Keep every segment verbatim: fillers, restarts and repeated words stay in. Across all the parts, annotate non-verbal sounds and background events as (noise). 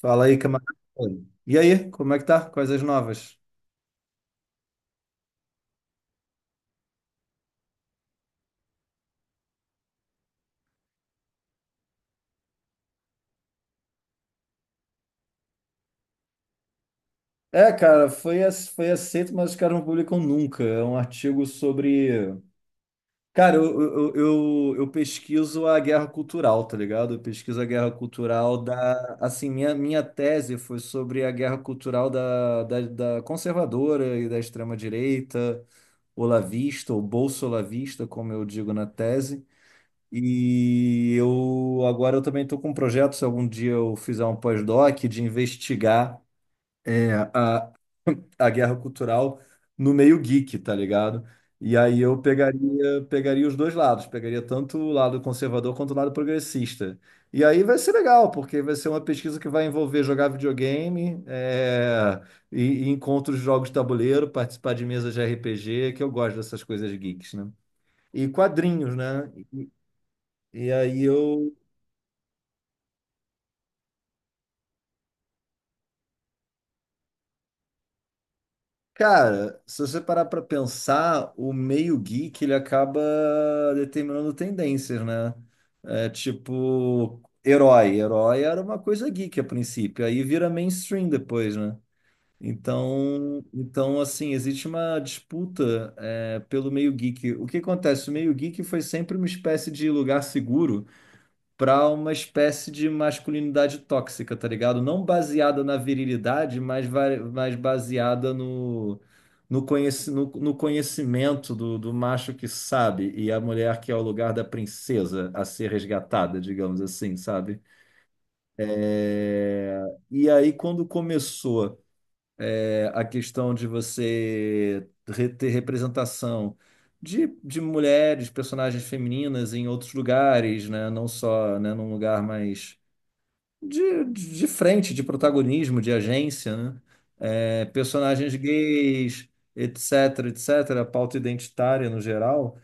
Fala aí, camarada. E aí, como é que tá? Coisas novas? É, cara, foi, ace- foi aceito, mas os caras não publicam nunca. É um artigo sobre. Cara, eu, eu, eu, eu pesquiso a guerra cultural, tá ligado? Eu pesquiso a guerra cultural da. Assim, minha, minha tese foi sobre a guerra cultural da, da, da conservadora e da extrema-direita, olavista, ou bolsolavista, como eu digo na tese. E eu agora eu também estou com um projeto, se algum dia eu fizer um pós-doc, de investigar é, a, a guerra cultural no meio geek, tá ligado? E aí eu pegaria, pegaria os dois lados, pegaria tanto o lado conservador quanto o lado progressista. E aí vai ser legal, porque vai ser uma pesquisa que vai envolver jogar videogame, é, e, e encontros de jogos de tabuleiro, participar de mesas de R P G, que eu gosto dessas coisas geeks, né? E quadrinhos, né? E aí eu. Cara, se você parar para pensar, o meio geek ele acaba determinando tendências, né? É tipo, herói. Herói era uma coisa geek a princípio, aí vira mainstream depois, né? Então, então assim, existe uma disputa é, pelo meio geek. O que acontece? O meio geek foi sempre uma espécie de lugar seguro para uma espécie de masculinidade tóxica, tá ligado? Não baseada na virilidade, mas, va- mas baseada no, no, conheci, no, no conhecimento do, do macho que sabe e a mulher que é o lugar da princesa a ser resgatada, digamos assim, sabe? É, E aí, quando começou é, a questão de você re- ter representação de, de mulheres, personagens femininas em outros lugares, né? Não só, né, num lugar mais de, de frente, de protagonismo, de agência, né? É, personagens gays, etc, etc, a pauta identitária no geral,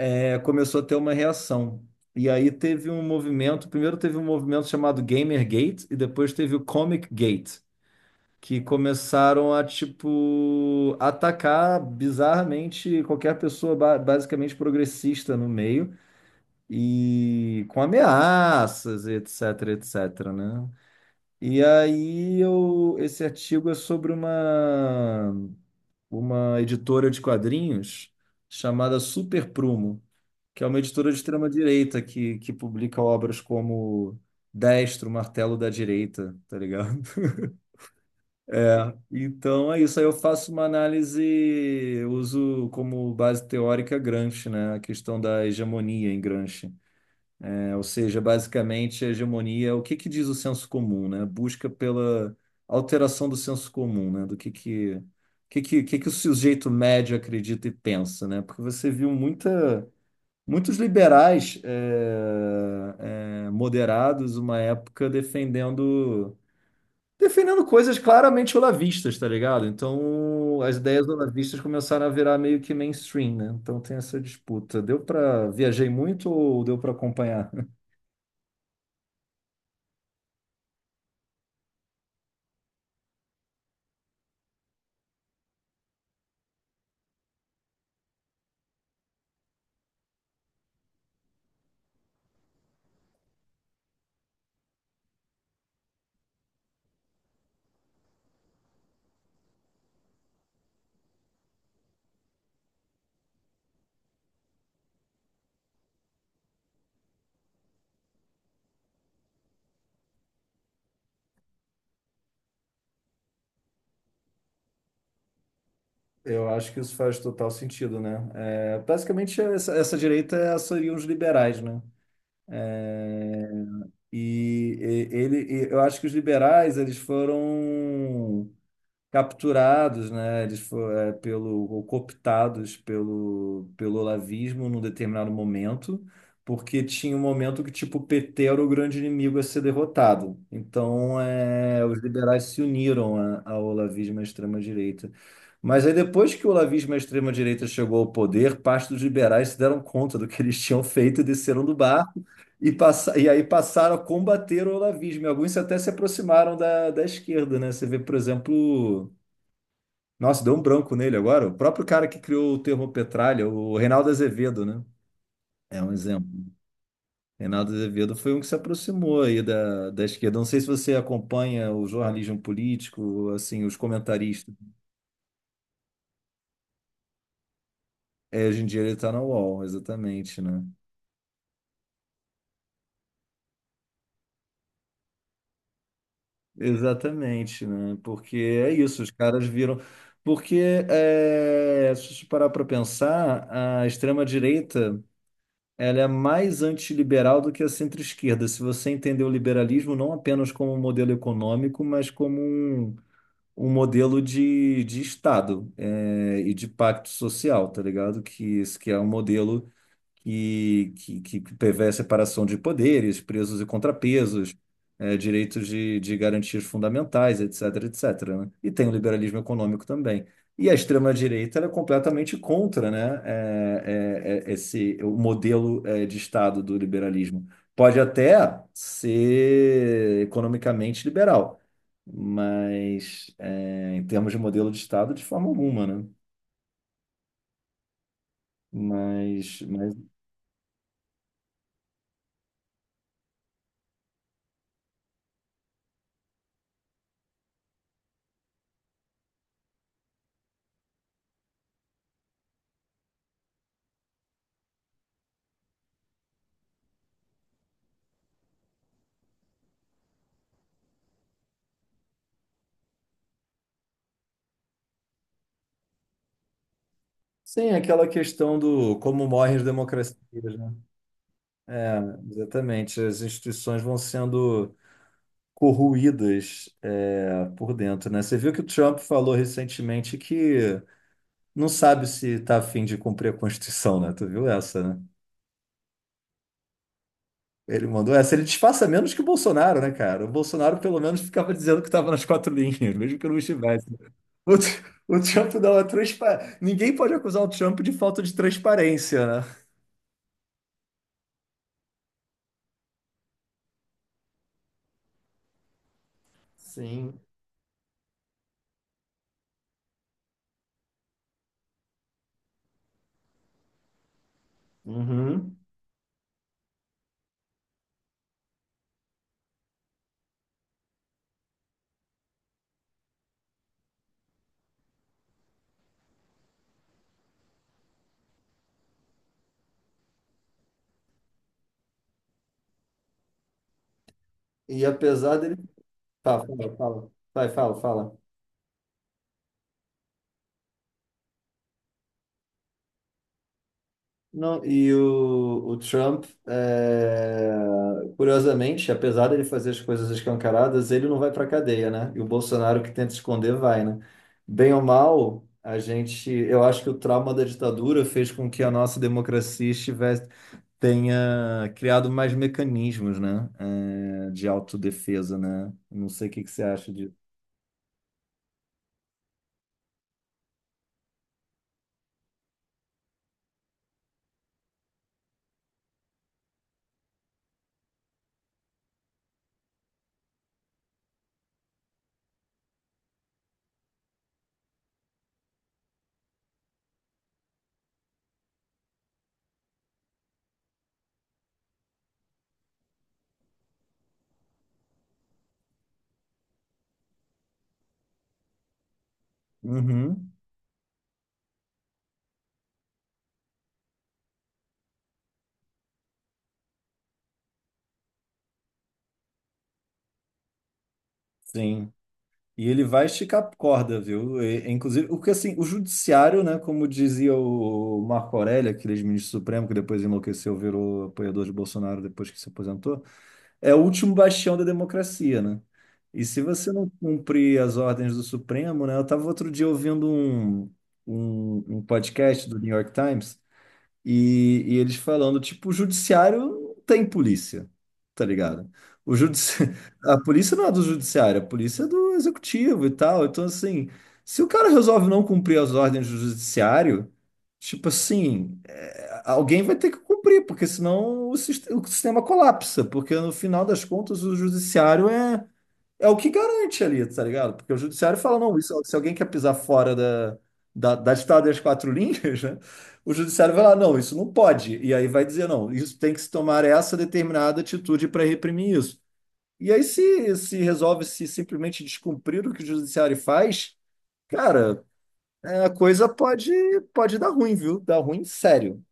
é, começou a ter uma reação. E aí teve um movimento, primeiro teve um movimento chamado Gamergate e depois teve o Comic Gate, que começaram a, tipo, atacar bizarramente qualquer pessoa ba- basicamente progressista no meio e com ameaças, etc, etc, né? E aí eu, esse artigo é sobre uma, uma editora de quadrinhos chamada Super Prumo, que é uma editora de extrema-direita que, que publica obras como Destro, Martelo da Direita, tá ligado? (laughs) É, então é isso. Aí eu faço uma análise, uso como base teórica Gramsci, né? A questão da hegemonia em Gramsci. Né, ou seja, basicamente, a hegemonia, o que que diz o senso comum, né? Busca pela alteração do senso comum, né? Do que que, o que que, que que o sujeito médio acredita e pensa, né? Porque você viu muita, muitos liberais eh, eh, moderados, uma época, defendendo defendendo coisas claramente olavistas, tá ligado? Então, as ideias olavistas começaram a virar meio que mainstream, né? Então tem essa disputa. Deu para viajei muito ou deu para acompanhar? Eu acho que isso faz total sentido, né? É, basicamente, essa, essa direita é- seriam os liberais, né? É, e, e- ele, e eu acho que os liberais, eles foram capturados, né? Eles foram, é, pelo, ou cooptados pelo, pelo olavismo num determinado momento, porque tinha um momento que, tipo, o P T era o grande inimigo a ser derrotado. Então, é, os liberais se uniram a- ao olavismo à extrema-direita. Mas aí, depois que o olavismo à extrema-direita chegou ao poder, parte dos liberais se deram conta do que eles tinham feito e desceram do barco e, passa, e aí passaram a combater o olavismo. E alguns até se aproximaram da, da esquerda, né? Você vê, por exemplo, nossa, deu um branco nele agora. O próprio cara que criou o termo petralha, o Reinaldo Azevedo, né? É um exemplo. Reinaldo Azevedo foi um que se aproximou aí da, da esquerda. Não sei se você acompanha o jornalismo político, assim, os comentaristas. É, hoje em dia ele está na U O L, exatamente, né? Exatamente, né? Porque é isso, os caras viram. Porque, é, se você parar para pensar, a extrema-direita. Ela é mais antiliberal do que a centro-esquerda. Se você entender o liberalismo não apenas como um modelo econômico, mas como um, um modelo de, de Estado, é, e de pacto social, tá ligado? Que, isso que é um modelo que, que, que prevê a separação de poderes, pesos e contrapesos, eh, direitos de, de garantias fundamentais, etc, etc, né? E tem o liberalismo econômico também. E a extrema-direita ela é completamente contra, né, eh, eh, eh, esse, o modelo eh, de Estado do liberalismo. Pode até ser economicamente liberal, mas eh, em termos de modelo de Estado, de forma alguma, né? Mas, mas. Sim, aquela questão do como morrem as democracias, né? É, exatamente. As instituições vão sendo corroídas, é, por dentro, né? Você viu que o Trump falou recentemente que não sabe se está a fim de cumprir a Constituição, né? Tu viu essa, né? Ele mandou essa. Ele disfarça menos que o Bolsonaro, né, cara? O Bolsonaro, pelo menos, ficava dizendo que estava nas quatro linhas, (laughs) mesmo que não estivesse. O, Tr- o Trump dá uma transparente. Ninguém pode acusar o Trump de falta de transparência, né? Sim. Uhum. E apesar dele. Tá, fala, fala. Vai, fala, fala. Não, e o, o Trump, é, curiosamente, apesar dele fazer as coisas escancaradas, ele não vai para cadeia, né? E o Bolsonaro que tenta esconder vai, né? Bem ou mal, a gente, eu acho que o trauma da ditadura fez com que a nossa democracia estivesse, tenha criado mais mecanismos, né? É, de autodefesa, né? Não sei o que que você acha disso. Uhum, sim. E ele vai esticar a corda, viu? E- inclusive, porque assim, o judiciário, né, como dizia o Marco Aurélio, aquele ministro supremo que depois enlouqueceu, virou apoiador de Bolsonaro depois que se aposentou, é o último bastião da democracia, né? E se você não cumprir as ordens do Supremo, né? Eu estava outro dia ouvindo um, um, um podcast do New York Times e, e eles falando, tipo, o judiciário não tem polícia, tá ligado? O judici... (laughs) A polícia não é do judiciário, a polícia é do executivo e tal. Então, assim, se o cara resolve não cumprir as ordens do judiciário, tipo assim, é, alguém vai ter que cumprir, porque senão o, sis- o sistema colapsa, porque no final das contas o judiciário é é o que garante ali, tá ligado? Porque o judiciário fala, não, isso, se alguém quer pisar fora da, da, da ditada das quatro (laughs) linhas, né? O judiciário vai lá, não, isso não pode. E aí vai dizer, não, isso tem que se tomar essa determinada atitude para reprimir isso. E aí se, se resolve se simplesmente descumprir o que o judiciário faz, cara, é, a coisa pode, pode dar ruim, viu? Dar ruim sério.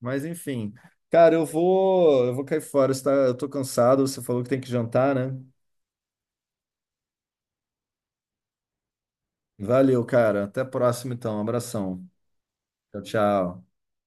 Mas enfim, cara, eu vou, eu vou cair fora, você tá- eu tô cansado, você falou que tem que jantar, né? Valeu, cara. Até a próxima, então. Abração. Tchau, tchau.